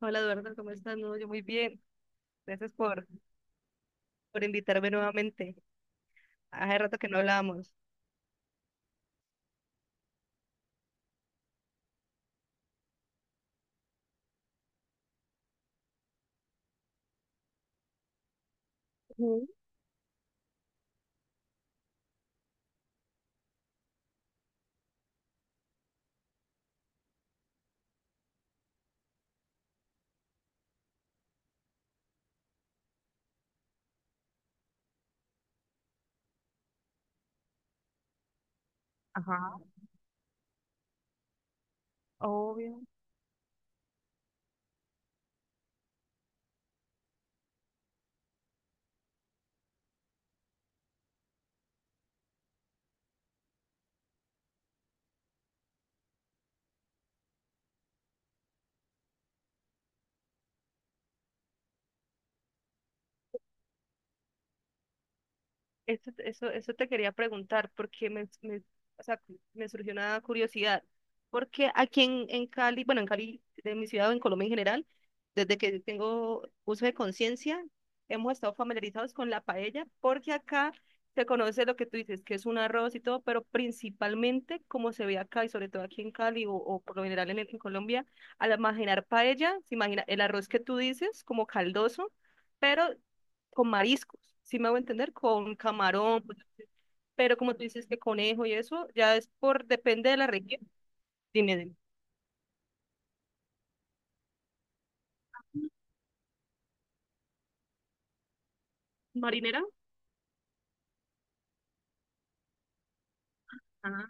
Hola Eduardo, ¿cómo estás? No, yo muy bien. Gracias por invitarme nuevamente. Hace rato que no hablábamos. Sí, ajá, obvio. Eso te quería preguntar, porque o sea, me surgió una curiosidad. Porque aquí en Cali, bueno, en Cali, de mi ciudad o en Colombia en general, desde que tengo uso de conciencia, hemos estado familiarizados con la paella, porque acá se conoce lo que tú dices, que es un arroz y todo, pero principalmente, como se ve acá, y sobre todo aquí en Cali o por lo general en Colombia, al imaginar paella, se imagina el arroz que tú dices como caldoso pero con mariscos, ¿si me hago entender? Con camarón, pues, pero como tú dices que conejo y eso, ya es por, depende de la región. Dime, dime. ¿Marinera? Ah,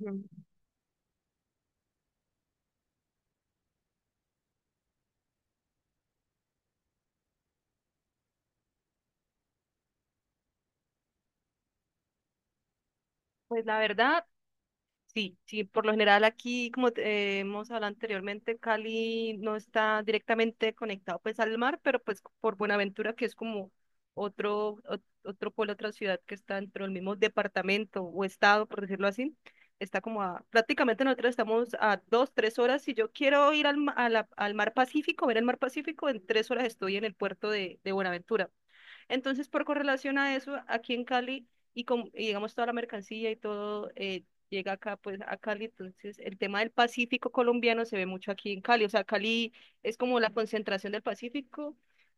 mm. Pues la verdad, sí, sí, por lo general aquí, como te- hemos hablado anteriormente, Cali no está directamente conectado pues al mar, pero pues por Buenaventura, que es como otro pueblo, otra ciudad que está dentro del mismo departamento o estado, por decirlo así, está como a, prácticamente nosotros estamos a 2, 3 horas. Si yo quiero ir al, ma- a la- al mar Pacífico, ver el mar Pacífico, en 3 horas estoy en el puerto de Buenaventura. Entonces, por correlación a eso, aquí en Cali, y, con, y digamos toda la mercancía y todo, llega acá, pues a Cali, entonces el tema del Pacífico colombiano se ve mucho aquí en Cali, o sea, Cali es como la concentración del Pacífico,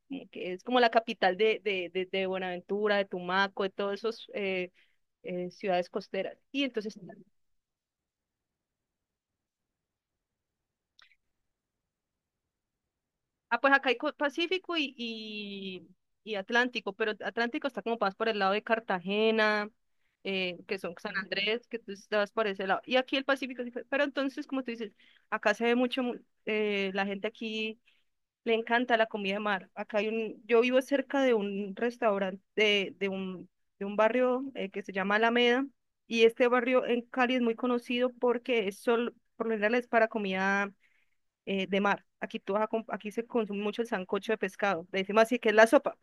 como que es como la capital de Buenaventura, de Tumaco, de todas esas ciudades costeras. Y entonces ah, pues acá hay co- Pacífico y Atlántico, pero Atlántico está como más por el lado de Cartagena, que son San Andrés, que tú estabas por ese lado. Y aquí el Pacífico, sí, pero entonces, como tú dices, acá se ve la gente aquí le encanta la comida de mar. Acá hay un, yo vivo cerca de un restaurante, de un barrio, que se llama Alameda, y este barrio en Cali es muy conocido porque es solo, por lo general es para comida, de mar. Aquí, tú vas aquí se consume mucho el sancocho de pescado. Le decimos así que es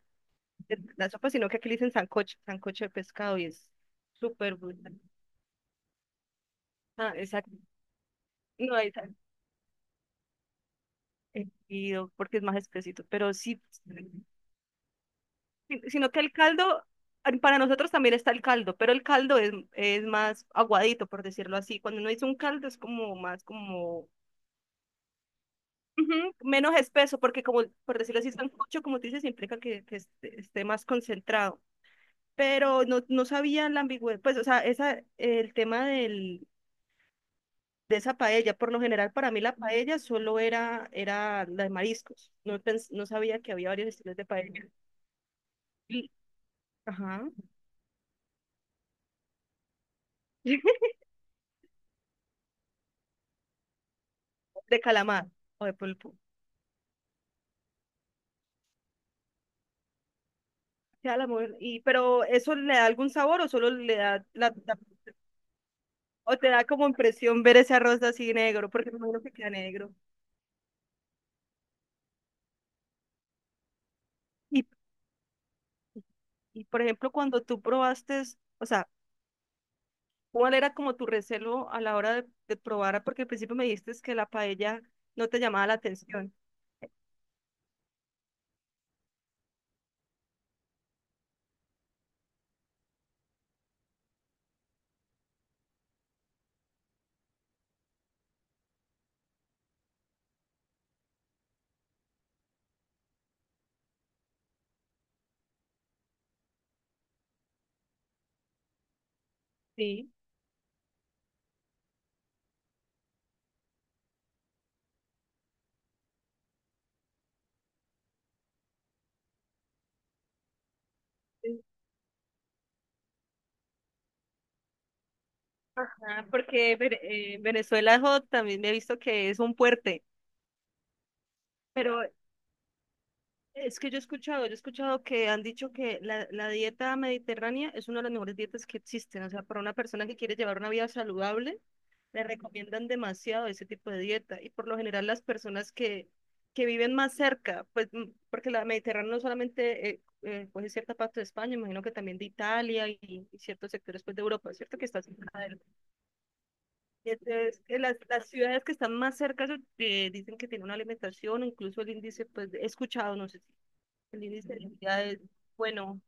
la sopa, sino que aquí le dicen sancocho, sancocho de pescado y es súper brutal. Ah, exacto. No hay tan-, eh, oh, porque es más espesito, pero sí, sino que el caldo, ah, para nosotros también está el caldo, pero el caldo es más aguadito, por decirlo así. Cuando uno dice un caldo es como más como... Ujú, menos espeso, porque como, por decirlo así, sancocho, como tú dices, implica que esté más concentrado. Pero no, no sabía la ambigüedad, pues, o sea, esa, el tema de esa paella, por lo general para mí la paella solo era la de mariscos, no, no sabía que había varios estilos de paella. Y- ajá, de calamar o de pulpo, sea la mujer, y, pero ¿eso le da algún sabor o solo le da, la-? O te da como impresión ver ese arroz así negro, porque me imagino que queda negro, y, y por ejemplo cuando tú probaste, o sea, ¿cuál era como tu recelo a la hora de probar? Ah, porque al principio me dijiste que la paella no te llamaba la atención. Sí. Sí. Ajá, porque Venezuela jo, también me he visto que es un fuerte, pero es que yo he escuchado que han dicho que la dieta mediterránea es una de las mejores dietas que existen, o sea, para una persona que quiere llevar una vida saludable le recomiendan demasiado ese tipo de dieta y por lo general las personas que viven más cerca, pues porque la Mediterránea no solamente coge cierta parte de España, imagino que también de Italia y ciertos sectores pues, de Europa, ¿cierto? Que está cerca de él. Y entonces, las ciudades que están más cerca, dicen que tienen una alimentación, o incluso el índice, pues he escuchado, no sé si el índice de obesidad es bueno.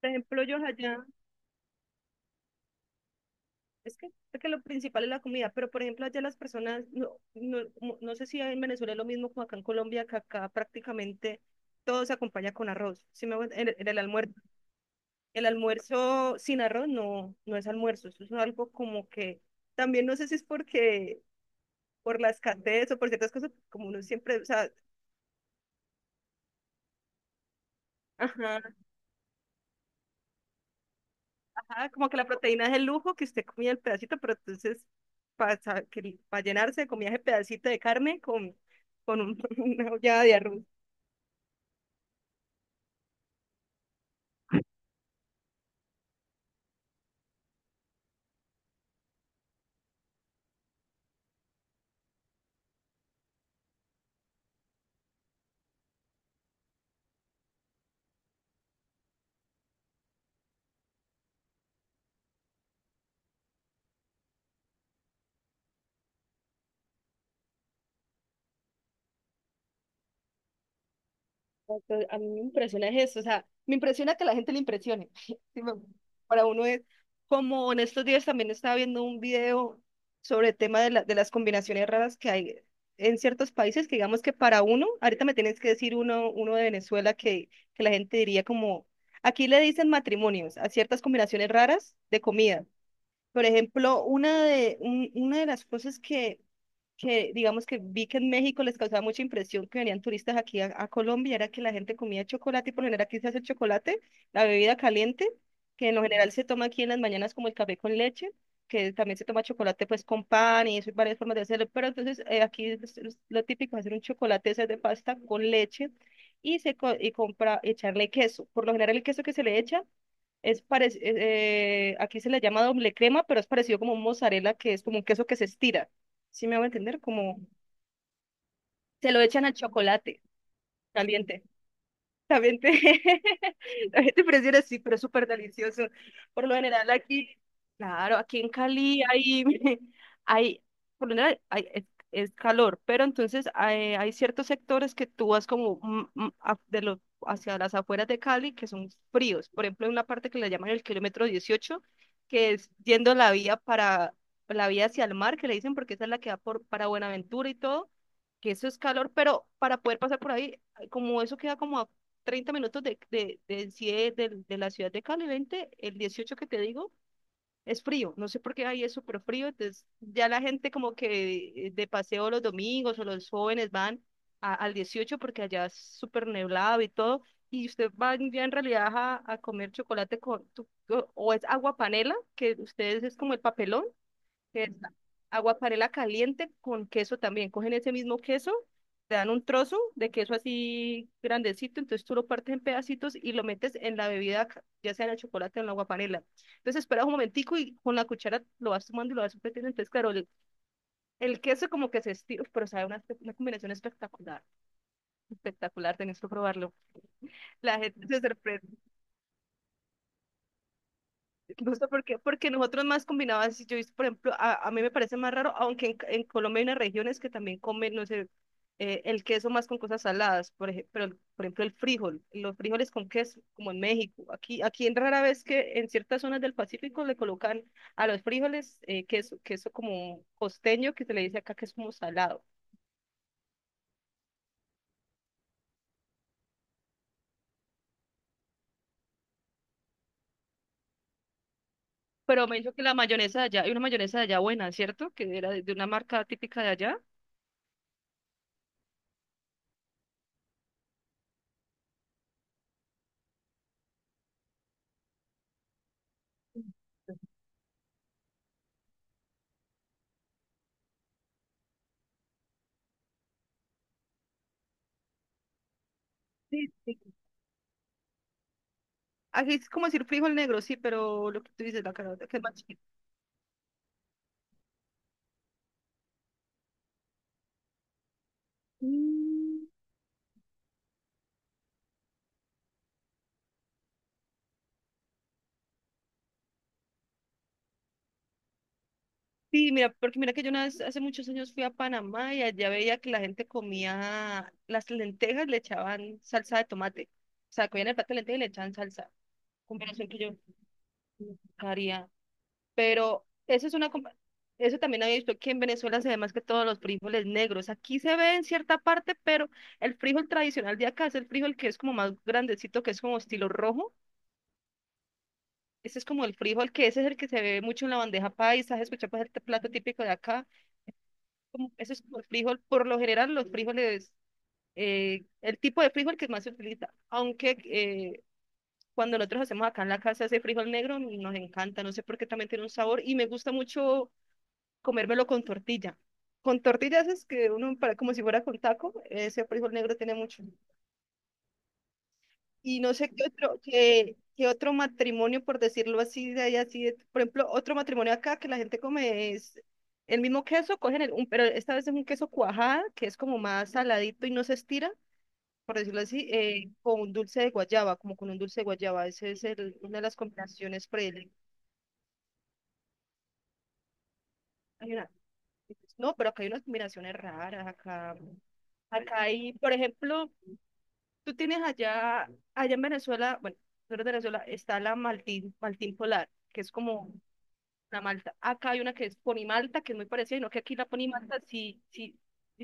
Por ejemplo, yo allá, es que lo principal es la comida, pero por ejemplo, allá las personas, no sé si en Venezuela es lo mismo como acá en Colombia, que acá prácticamente todo se acompaña con arroz. ¿Sí me hago ent-? El almuerzo sin arroz no es almuerzo, eso es algo como que también no sé si es porque por la escasez o por ciertas cosas, como uno siempre, o sea, ajá, ajá, como que la proteína es el lujo que usted comía el pedacito, pero entonces para llenarse comía ese pedacito de carne con, una olla de arroz. Entonces, a mí me impresiona es eso, o sea, me impresiona que a la gente le impresione. Sí, para uno es como en estos días también estaba viendo un video sobre el tema de, de las combinaciones raras que hay en ciertos países, que digamos que para uno, ahorita me tienes que decir uno, uno de Venezuela que la gente diría como, aquí le dicen matrimonios a ciertas combinaciones raras de comida. Por ejemplo, una de las cosas que digamos que vi que en México les causaba mucha impresión que venían turistas aquí a Colombia, era que la gente comía chocolate y por lo general aquí se hace el chocolate, la bebida caliente, que en lo general se toma aquí en las mañanas como el café con leche, que también se toma chocolate pues con pan y eso hay varias formas de hacerlo, pero entonces aquí es lo típico es hacer un chocolate ese de pasta con leche y compra echarle queso. Por lo general el queso que se le echa aquí se le llama doble crema, pero es parecido como un mozzarella que es como un queso que se estira. ¿Sí me hago entender? Como se lo echan al chocolate caliente. También te, también te presiona, sí, pero es súper delicioso. Por lo general aquí, claro, aquí en Cali hay, hay, por lo general hay, es calor, pero entonces hay ciertos sectores que tú vas como hacia las afueras de Cali que son fríos. Por ejemplo, hay una parte que le llaman el kilómetro 18 que es yendo la vía para, la vía hacia el mar, que le dicen porque esa es la que va por, para Buenaventura y todo, que eso es calor, pero para poder pasar por ahí como eso queda como a 30 minutos en sí de la ciudad de Cali, 20 el 18 que te digo, es frío. No sé por qué ahí es súper frío. Entonces, ya la gente como que de paseo los domingos o los jóvenes van al 18 porque allá es súper neblado y todo. Y usted va ya en realidad a comer chocolate con, o es agua panela, que ustedes es como el papelón, que esa. Aguaparela caliente con queso también. Cogen ese mismo queso, te dan un trozo de queso así grandecito, entonces tú lo partes en pedacitos y lo metes en la bebida, ya sea en el chocolate o en la aguaparela. Entonces esperas un momentico y con la cuchara lo vas tomando y lo vas metiendo. Entonces, claro, el queso como que se estira, pero sabe una, una combinación espectacular. Espectacular, tenés que probarlo. La gente se sorprende. No sé por qué, porque nosotros más combinadas, yo, he visto, por ejemplo, a mí me parece más raro, aunque en Colombia hay unas regiones que también comen, no sé, el queso más con cosas saladas, por ejemplo, el frijol, los frijoles con queso, como en México. Aquí, en rara vez que en ciertas zonas del Pacífico le colocan a los frijoles, queso como costeño, que se le dice acá que es como salado. Pero me dijo que la mayonesa de allá, hay una mayonesa de allá buena, ¿cierto? Que era de, una marca típica de allá. Sí, sí, aquí es como decir frijol negro, sí, pero lo que tú dices, la carota, que es más chiquita. Mm, sí, mira, porque mira que yo una vez, hace muchos años fui a Panamá y allá veía que la gente comía las lentejas, le echaban salsa de tomate. O sea, comían el plato de lentejas y le echaban salsa. Combinación que yo nunca haría. Pero eso es una... eso también había visto que en Venezuela se ve más que todos los frijoles negros. Aquí se ve en cierta parte, pero el frijol tradicional de acá es el frijol que es como más grandecito, que es como estilo rojo. Ese es como el frijol, que ese es el que se ve mucho en la bandeja paisa, ¿has escuchado? Pues, el plato típico de acá. Como, ese es como el frijol. Por lo general, los frijoles, el tipo de frijol que más se utiliza. Aunque cuando nosotros hacemos acá en la casa ese frijol negro, nos encanta. No sé por qué también tiene un sabor. Y me gusta mucho comérmelo con tortilla. Con tortillas es que uno, para, como si fuera con taco, ese frijol negro tiene mucho. Y no sé qué otro, qué otro matrimonio, por decirlo así, de ahí así, de- por ejemplo, otro matrimonio acá que la gente come es el mismo queso, cogen pero esta vez es un queso cuajada, que es como más saladito y no se estira, por decirlo así, con un dulce de guayaba, como con un dulce de guayaba. Ese es una de las combinaciones predilectas. Hay una- no, pero acá hay unas combinaciones raras, por ejemplo, tú tienes allá, allá en Venezuela, bueno, tú eres de Venezuela, está la Maltín, Maltín Polar, que es como la Malta. Acá hay una que es Ponimalta, que es muy parecida, no que aquí la Ponimalta, sí, sí,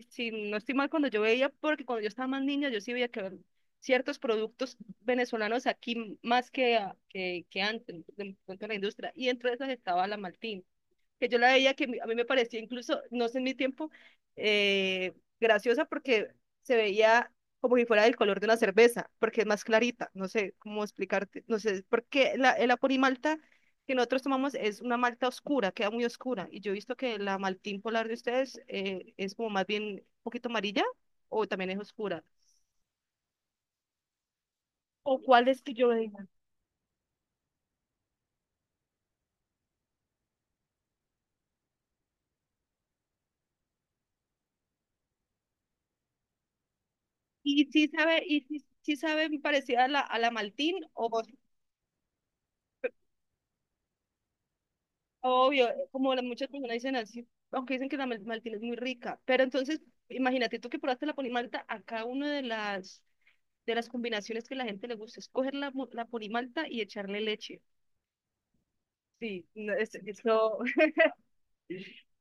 sí, no estoy mal cuando yo veía, porque cuando yo estaba más niña, yo sí veía que habían ciertos productos venezolanos aquí más que antes, de la industria, y entre esas estaba la Maltín que yo la veía que a mí me parecía incluso, no sé en mi tiempo, eh, graciosa porque se veía como si fuera del color de una cerveza, porque es más clarita, no sé cómo explicarte, no sé, porque el aporimalta que nosotros tomamos es una malta oscura, queda muy oscura, y yo he visto que la maltín polar de ustedes, es como más bien un poquito amarilla o también es oscura. ¿O cuál es que yo diga? Y sí sabe, y sí, sí sabe parecida a la maltín o... Obvio, como muchas personas dicen así, aunque dicen que la maltina es muy rica, pero entonces imagínate tú que probaste la ponimalta, acá una de las combinaciones que la gente le gusta es coger la ponimalta y echarle leche. Sí, no, es, eso,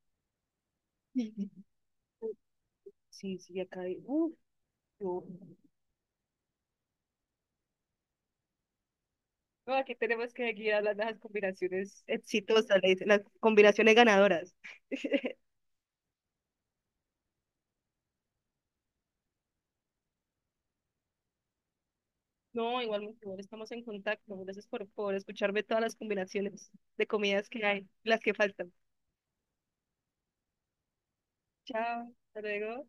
sí, sí, sí, sí, acá hay, uf, yo- no, aquí tenemos que seguir hablando de las combinaciones exitosas, le dicen, las combinaciones ganadoras. No, igual, mi amor, estamos en contacto. Gracias por escucharme todas las combinaciones de comidas que hay, las que faltan. Chao, hasta luego.